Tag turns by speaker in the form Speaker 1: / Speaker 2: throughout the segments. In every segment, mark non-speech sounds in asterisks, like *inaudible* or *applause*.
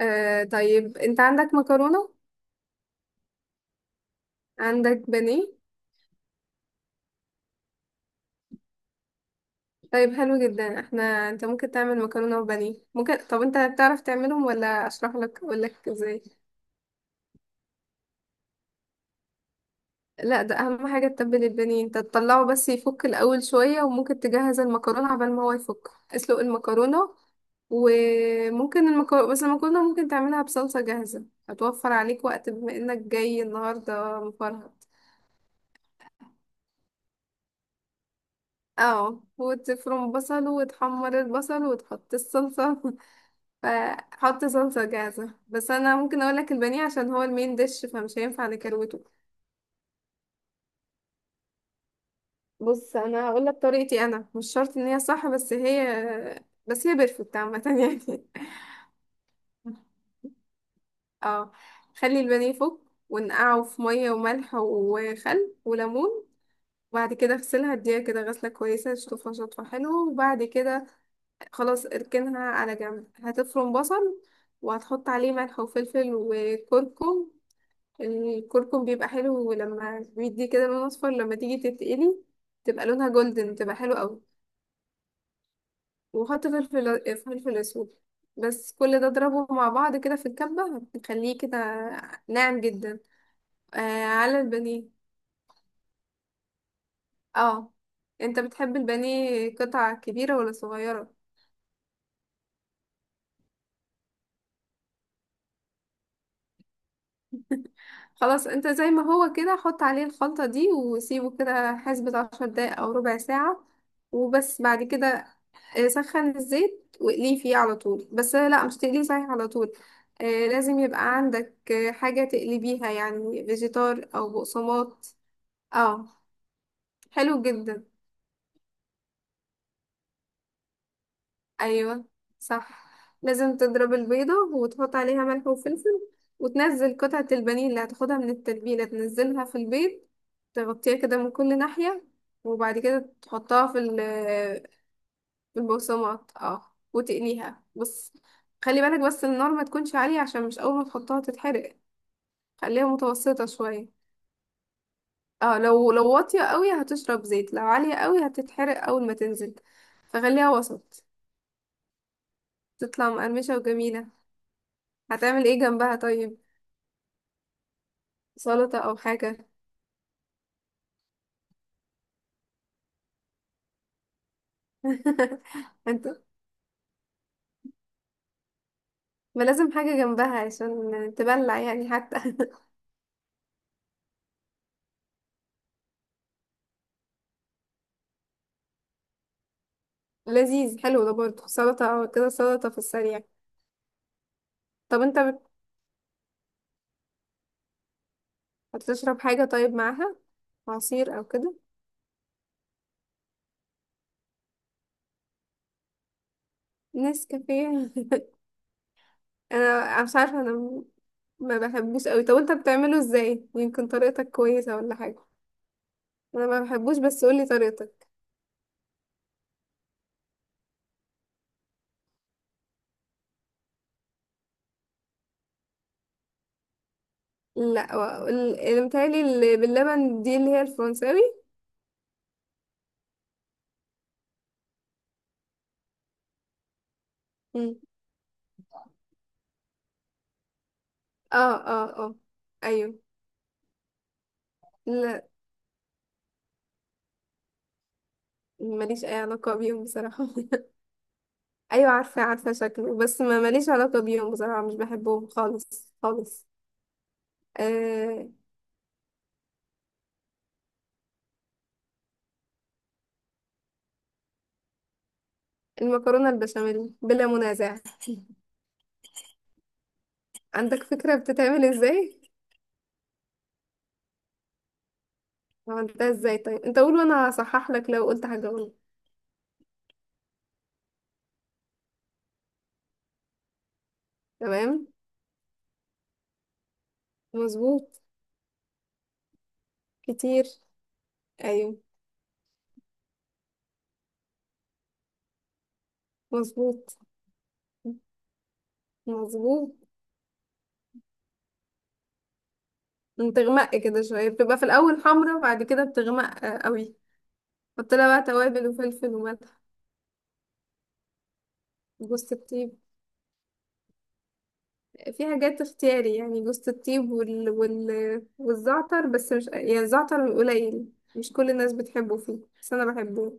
Speaker 1: آه، طيب انت عندك مكرونة؟ عندك بانيه؟ طيب حلو جدا. انت ممكن تعمل مكرونة وبانيه ممكن. طب انت بتعرف تعملهم ولا اشرح لك اقول لك ازاي؟ لا، ده اهم حاجة تتبل البانيه. انت تطلعه بس يفك الاول شوية، وممكن تجهز المكرونة عبال ما هو يفك. اسلق المكرونة، وممكن المكرونة بس المكرونة ممكن تعملها بصلصة جاهزة، هتوفر عليك وقت بما انك جاي النهاردة مفرهد. اه، وتفرم بصل وتحمر البصل وتحط الصلصة. *laughs* فحط صلصة جاهزة. بس أنا ممكن أقولك البانيه، عشان هو المين ديش فمش هينفع نكروته. بص، أنا هقولك طريقتي. أنا مش شرط إن هي صح، بس هي بيرفكت عامة يعني. *laughs* اه، خلي البانيه فوق، ونقعه في مية وملح وخل وليمون، وبعد كده اغسلها، اديها كده غسلة كويسة، تشطفها شطفة حلوة، وبعد كده خلاص اركنها على جنب. هتفرم بصل وهتحط عليه ملح وفلفل وكركم. الكركم بيبقى حلو، لما بيدي كده لون اصفر لما تيجي تتقلي تبقى لونها جولدن، تبقى حلو قوي. وحط فلفل اسود. بس كل ده اضربه مع بعض كده في الكبة، هتخليه كده ناعم جدا. آه، على البانيه. اه. انت بتحب البانيه قطع كبيرة ولا صغيرة؟ خلاص، انت زي ما هو كده حط عليه الخلطة دي وسيبه كده حسبة 10 دقايق او ربع ساعة، وبس. بعد كده سخن الزيت واقليه فيه على طول. بس لا، مش تقليه صحيح على طول. لازم يبقى عندك حاجة تقلبيها يعني، فيجيتار او بقسماط. اه، حلو جدا. ايوه، صح. لازم تضرب البيضة وتحط عليها ملح وفلفل، وتنزل قطعة البانيه اللي هتاخدها من التتبيلة، تنزلها في البيض، تغطيها كده من كل ناحية، وبعد كده تحطها في في البقسماط، اه، وتقليها. بس خلي بالك، بس النار ما تكونش عالية عشان مش اول ما تحطها تتحرق. خليها متوسطة شوية. اه، لو واطية قوي هتشرب زيت، لو عالية قوي هتتحرق اول ما تنزل، فخليها وسط. تطلع مقرمشة وجميلة. هتعمل ايه جنبها طيب؟ سلطة او حاجة؟ *laughs* انت ما لازم حاجة جنبها، عشان تبلع يعني حتى. *laughs* لذيذ، حلو ده برضه. سلطة او كده، سلطة في السريع. طب انت هتشرب حاجة طيب معاها؟ عصير او كده؟ نسكافيه؟ *laughs* أنا مش عارفة. ما بحبوش قوي. طب انت بتعمله ازاي؟ يمكن طريقتك كويسة ولا حاجة. انا ما بحبوش، بس قولي طريقتك. لا، اللي متهيألي اللي باللبن دي اللي هي الفرنساوي. اه اه اه. ايوه. لا، ماليش اي علاقة بيهم بصراحة. *laughs* ايوه عارفة، عارفة شكله، بس ما ماليش علاقة بيهم بصراحة، مش بحبهم خالص خالص. آه، المكرونة البشاميل بلا منازع. عندك فكرة بتتعمل ازاي؟ عملتها ازاي طيب؟ انت قول وانا هصحح لك لو قلت حاجة غلط. تمام. مظبوط. كتير. ايوه. مظبوط. مظبوط. بتغمق كده شوية، بتبقى في الاول حمرا، بعد كده بتغمق قوي. حط لها بقى توابل وفلفل وملح. جوز الطيب. في حاجات اختياري يعني، جوز الطيب والزعتر. بس مش يعني الزعتر قليل، مش كل الناس بتحبه فيه، بس انا بحبه.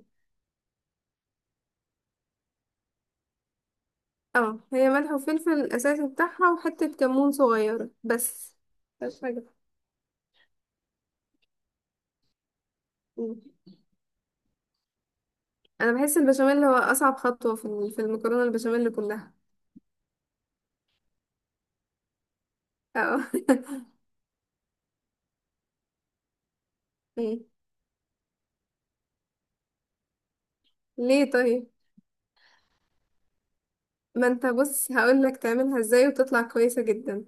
Speaker 1: اه، هي ملح وفلفل الاساسي بتاعها، وحتة كمون صغيرة، بس. مش حاجة. مم. انا بحس البشاميل هو اصعب خطوة في في المكرونة البشاميل كلها. اه. *laughs* مم. ليه طيب؟ ما انت بص هقولك تعملها ازاي وتطلع كويسة جدا.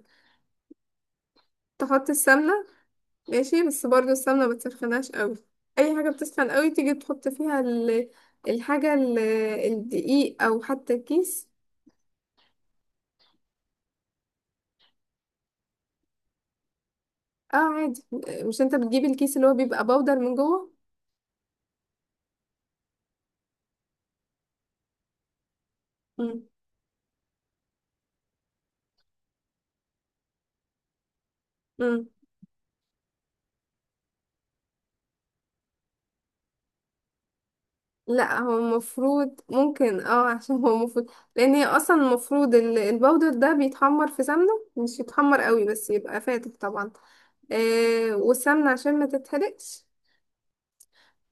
Speaker 1: تحط السمنة. ماشي. بس برضو السمنة ما تسخنهاش قوي. اي حاجة بتسخن قوي تيجي تحط فيها الحاجة الدقيق او حتى الكيس. اه، عادي. مش انت بتجيب الكيس اللي هو بيبقى بودر من جوه. مم. مم. لا، هو المفروض ممكن اه. *laughs* عشان هو المفروض، لان هي اصلا المفروض البودر ده بيتحمر في سمنة، مش يتحمر قوي، بس يبقى فاتح طبعا. آه، والسمنة عشان ما تتحرقش.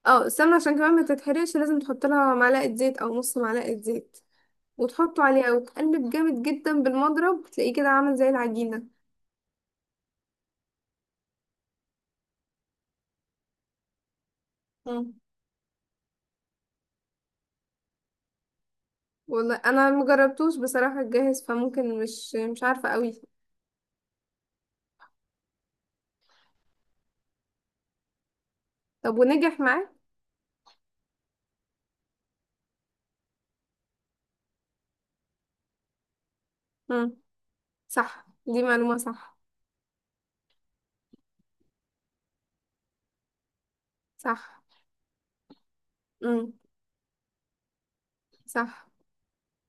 Speaker 1: اه، السمنة عشان كمان ما تتحرقش لازم تحط لها معلقة زيت او نص معلقة زيت، وتحطه عليه وتقلب جامد جدا بالمضرب، تلاقيه كده عامل زي العجينة. مم. والله انا مجربتوش بصراحة الجاهز، فممكن مش عارفة قوي. طب ونجح معاك؟ مم. صح، دي معلومة صح. صح. مم. صح.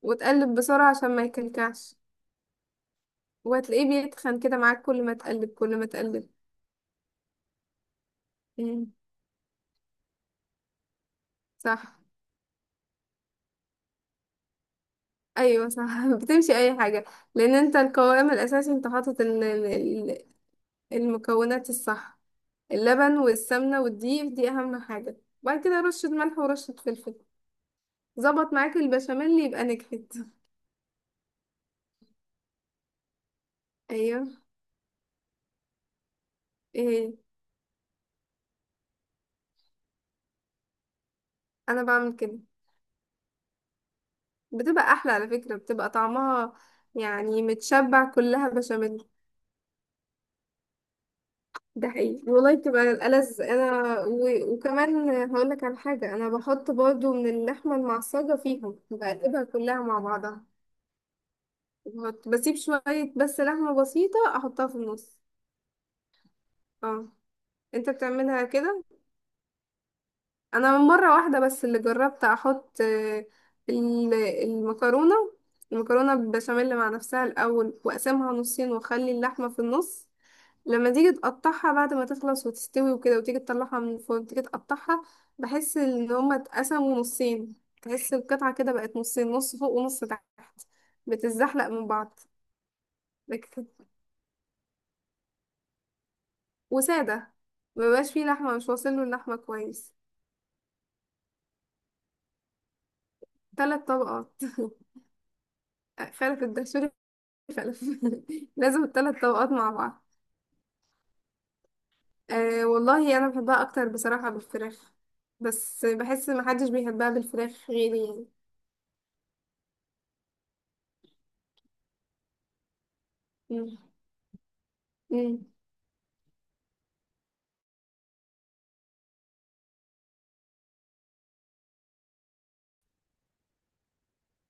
Speaker 1: وتقلب بسرعة عشان ما يكلكعش. وهتلاقيه بيتخن كده معاك، كل ما تقلب كل ما تقلب. مم. صح. ايوه صح. *laughs* بتمشي اي حاجة. لان انت القوام الاساسي انت حاطط ال- المكونات الصح. اللبن والسمنة والدقيق دي أهم حاجة. بعد كده رشة ملح ورشة فلفل. ظبط معاك البشاميل يبقى نجحت. *laughs* أيوه. ايه؟ أنا بعمل كده. بتبقى أحلى على فكرة، بتبقى طعمها يعني متشبع كلها بشاميل. ده حقيقي والله، بتبقى الألذ. أنا وكمان هقولك على حاجة، أنا بحط برضو من اللحمة المعصجة فيهم، بقلبها كلها مع بعضها. بسيب شوية بس لحمة بسيطة أحطها في النص. اه. انت بتعملها كده؟ انا من مره واحده بس اللي جربت احط المكرونه المكرونه بالبشاميل مع نفسها الاول، واقسمها نصين واخلي اللحمه في النص. لما تيجي تقطعها بعد ما تخلص وتستوي وكده، وتيجي تطلعها من الفرن، تيجي تقطعها، بحس ان هما اتقسموا نصين. تحس القطعه كده بقت نصين، نص فوق ونص تحت، بتتزحلق من بعض. لكن- وساده. مبقاش فيه لحمه، مش واصله اللحمه كويس. ثلاث طبقات. *laughs* خلف الدهشوري، فلفل. *laughs* لازم الثلاث طبقات مع بعض. أه والله انا بحبها اكتر بصراحة بالفراخ، بس بحس محدش بيحبها بالفراخ غيري يعني. مم. مم.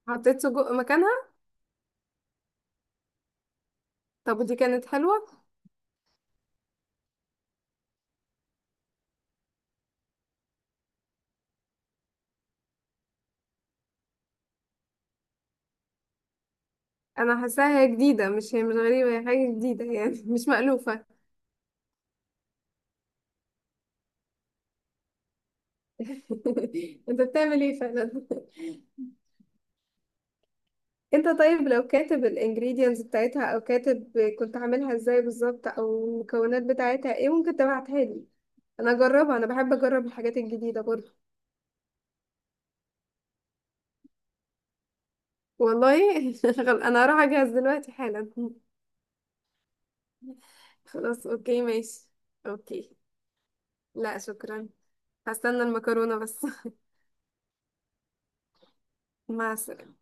Speaker 1: حطيت سجق مكانها. طب ودي كانت حلوة؟ انا حاساها هي جديدة. مش هي مش غريبة، هي حاجة جديدة يعني. *laughs* مش مألوفة. *laughs* انت بتعمل ايه فعلا. *laughs* انت طيب لو كاتب الانجريدينتس بتاعتها، او كاتب كنت عاملها ازاي بالظبط، او المكونات بتاعتها ايه، ممكن تبعتها لي انا اجربها. انا بحب اجرب الحاجات الجديدة برضه. والله. *laughs* شغل. انا هروح اجهز دلوقتي حالا. خلاص اوكي، ماشي. اوكي. لا شكرا. هستنى المكرونة بس. *laughs* مع السلامة.